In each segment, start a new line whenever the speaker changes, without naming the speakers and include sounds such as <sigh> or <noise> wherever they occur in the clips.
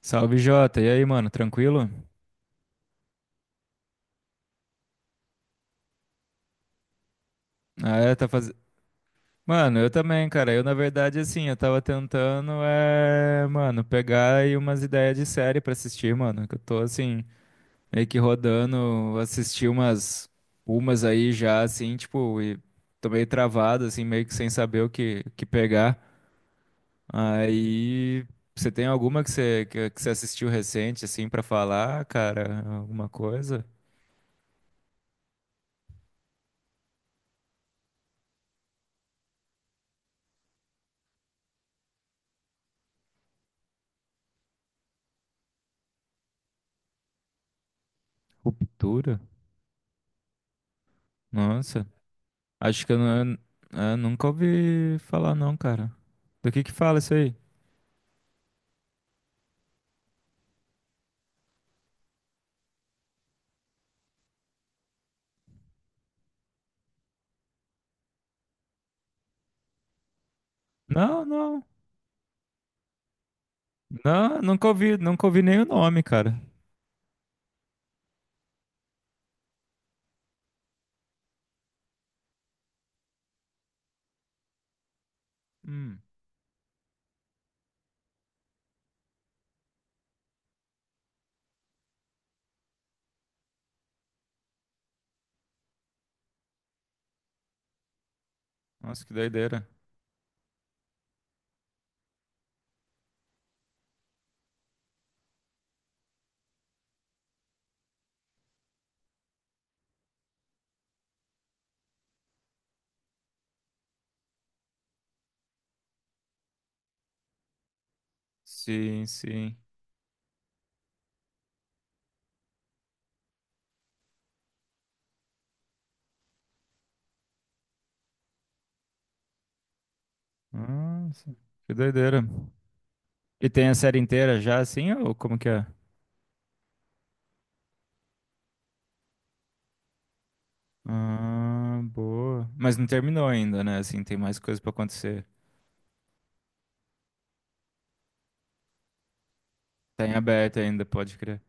Salve, Jota. E aí, mano, tranquilo? Ah, é, tá fazendo. Mano, eu também, cara. Eu, na verdade, assim, eu tava tentando, mano, pegar aí umas ideias de série pra assistir, mano. Que eu tô, assim, meio que rodando, assisti umas, umas aí já, assim, tipo, e tô meio travado, assim, meio que sem saber o que pegar. Aí, você tem alguma que você, que você assistiu recente, assim, pra falar, cara? Alguma coisa? Ruptura? Nossa. Acho que eu, não, eu nunca ouvi falar, não, cara. Do que fala isso aí? Não, não. Não, nunca ouvi, nunca ouvi nem o nome, cara. Hum, nossa, que doideira. Sim, sim. Nossa, que doideira. E tem a série inteira já, assim, ou como que é? Ah, boa. Mas não terminou ainda, né? Assim, tem mais coisa pra acontecer. Tá em aberto ainda, pode crer.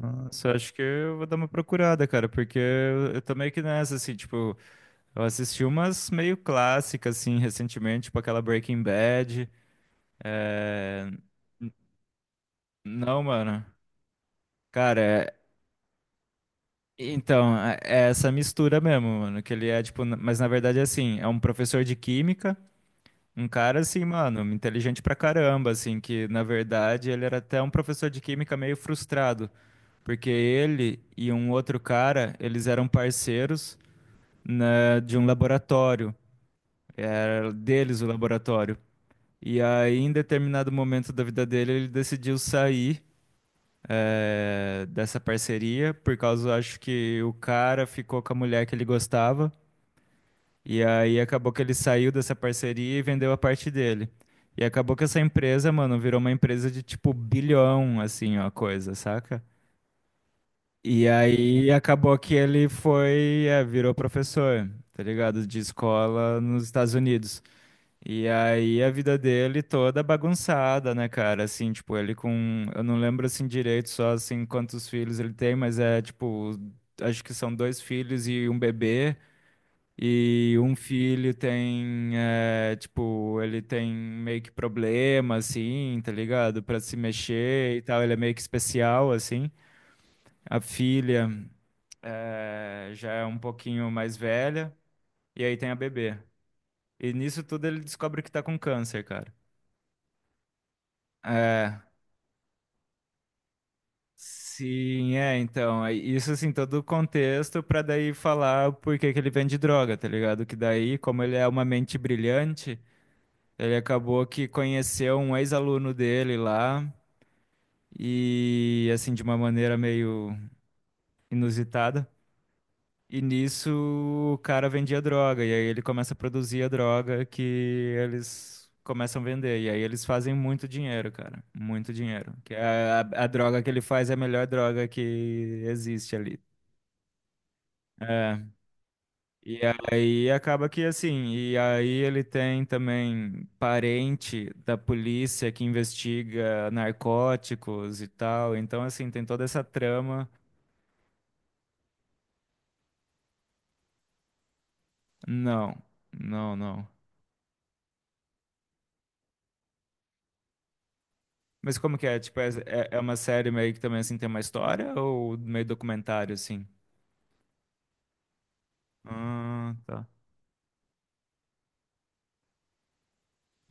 Nossa, eu acho que eu vou dar uma procurada, cara, porque eu tô meio que nessa, assim, tipo. Eu assisti umas meio clássicas, assim, recentemente, tipo aquela Breaking Bad. É... n- Não, mano. Cara, é- então, é essa mistura mesmo, mano. Que ele é, tipo, n- mas na verdade, assim, é um professor de química, um cara, assim, mano, inteligente pra caramba, assim, que na verdade ele era até um professor de química meio frustrado, porque ele e um outro cara, eles eram parceiros, né, de um laboratório, é, deles o laboratório. E aí, em determinado momento da vida dele, ele decidiu sair, dessa parceria, por causa, acho que o cara ficou com a mulher que ele gostava. E aí acabou que ele saiu dessa parceria e vendeu a parte dele. E acabou que essa empresa, mano, virou uma empresa de tipo bilhão, assim, ó, coisa, saca? E aí acabou que ele foi, é, virou professor, tá ligado? De escola nos Estados Unidos. E aí a vida dele toda bagunçada, né, cara? Assim, tipo, ele com, eu não lembro assim direito só assim quantos filhos ele tem, mas é tipo, acho que são dois filhos e um bebê. E um filho tem, é, tipo, ele tem meio que problema, assim, tá ligado? Pra se mexer e tal, ele é meio que especial, assim. A filha, é, já é um pouquinho mais velha, e aí tem a bebê. E nisso tudo ele descobre que tá com câncer, cara. É. Sim, é, então, é isso assim, todo o contexto pra daí falar por que que ele vende droga, tá ligado? Que daí, como ele é uma mente brilhante, ele acabou que conheceu um ex-aluno dele lá e assim de uma maneira meio inusitada. E nisso o cara vendia droga e aí ele começa a produzir a droga que eles começam a vender e aí eles fazem muito dinheiro, cara, muito dinheiro. Que a droga que ele faz é a melhor droga que existe ali. É, e aí acaba que assim, e aí ele tem também parente da polícia que investiga narcóticos e tal, então assim, tem toda essa trama. Não, não, não. Mas como que é? Tipo, é uma série meio que também assim tem uma história ou meio documentário assim? Ah, tá.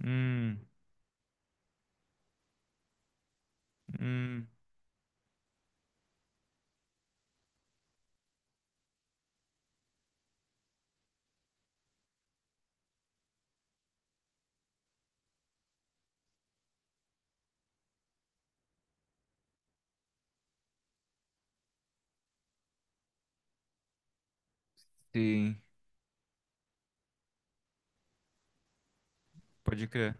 Hum, hum, sim, pode crer.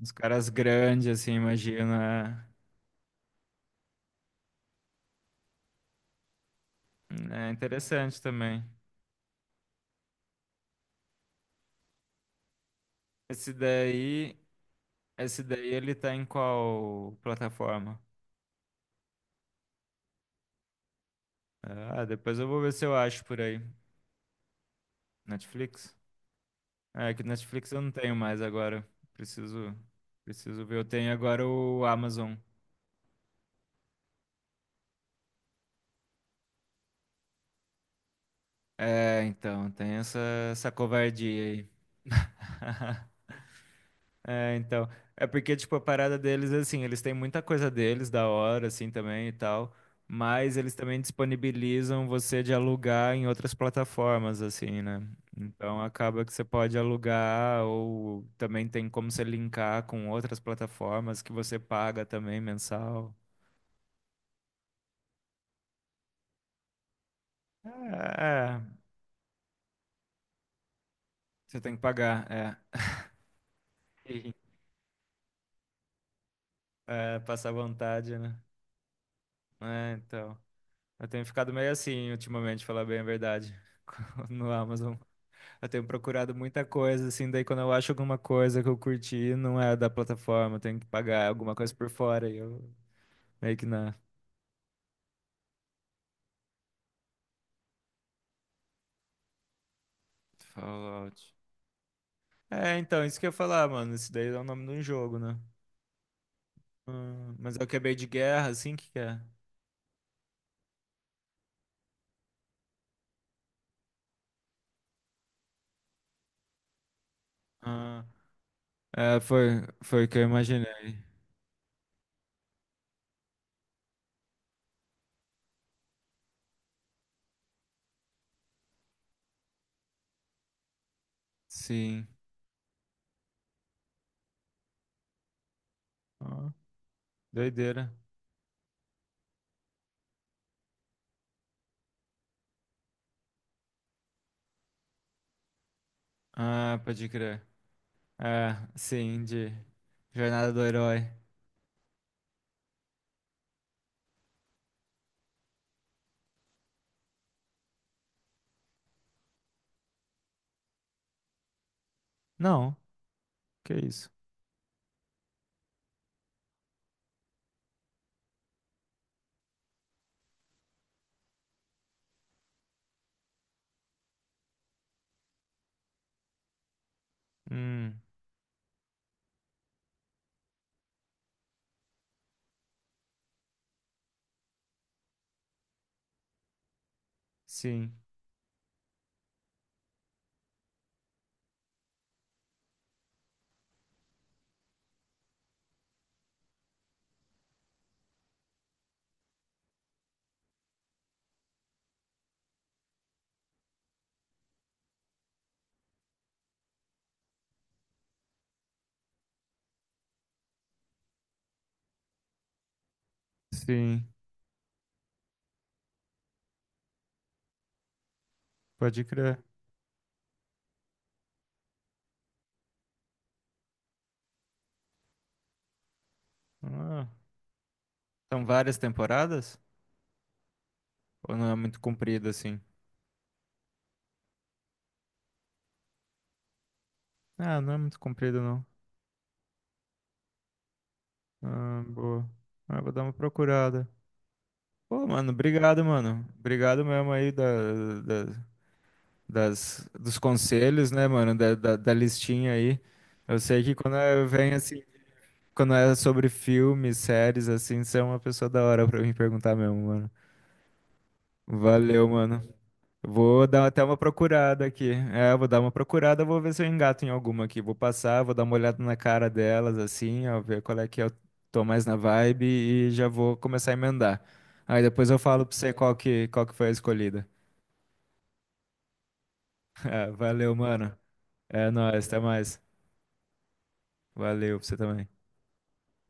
Os caras grandes assim, imagina. É, é interessante também. Esse daí. Esse daí ele tá em qual plataforma? Ah, depois eu vou ver se eu acho por aí. Netflix? É, que Netflix eu não tenho mais agora. Preciso, preciso ver. Eu tenho agora o Amazon. É, então, tem essa, essa covardia aí. <laughs> É, então. É porque, tipo, a parada deles, assim, eles têm muita coisa deles, da hora, assim, também e tal. Mas eles também disponibilizam você de alugar em outras plataformas, assim, né? Então acaba que você pode alugar ou também tem como você linkar com outras plataformas que você paga também mensal. É, você tem que pagar, é. Sim. É, passar vontade, né? É, então. Eu tenho ficado meio assim ultimamente, falar bem a verdade, <laughs> no Amazon. Eu tenho procurado muita coisa, assim, daí quando eu acho alguma coisa que eu curti, não é da plataforma, eu tenho que pagar alguma coisa por fora e eu meio que na Fallout. É, então, isso que eu ia falar, mano, isso daí é o nome de um jogo, né? Ah, mas eu acabei de guerra, assim, que é? Ah, é, foi o que eu imaginei. Sim. Ah, doideira. Ah, pode crer. É, sim, de Jornada do Herói. Não, que isso? Hum, sim, sim, pode crer. Ah, são várias temporadas? Ou não é muito comprido assim? Ah, não é muito comprido não. Ah, boa. Ah, vou dar uma procurada. Pô, mano. Obrigado mesmo aí da- das, dos conselhos, né, mano? Da listinha aí. Eu sei que quando eu venho assim, quando é sobre filmes, séries, assim, você é uma pessoa da hora pra mim perguntar mesmo, mano. Valeu, mano. Vou dar até uma procurada aqui. É, vou dar uma procurada, vou ver se eu engato em alguma aqui. Vou passar, vou dar uma olhada na cara delas, assim, ó, ver qual é que eu tô mais na vibe e já vou começar a emendar. Aí depois eu falo pra você qual que foi a escolhida. <laughs> Ah, valeu, mano. É nóis, até mais. Valeu pra você também.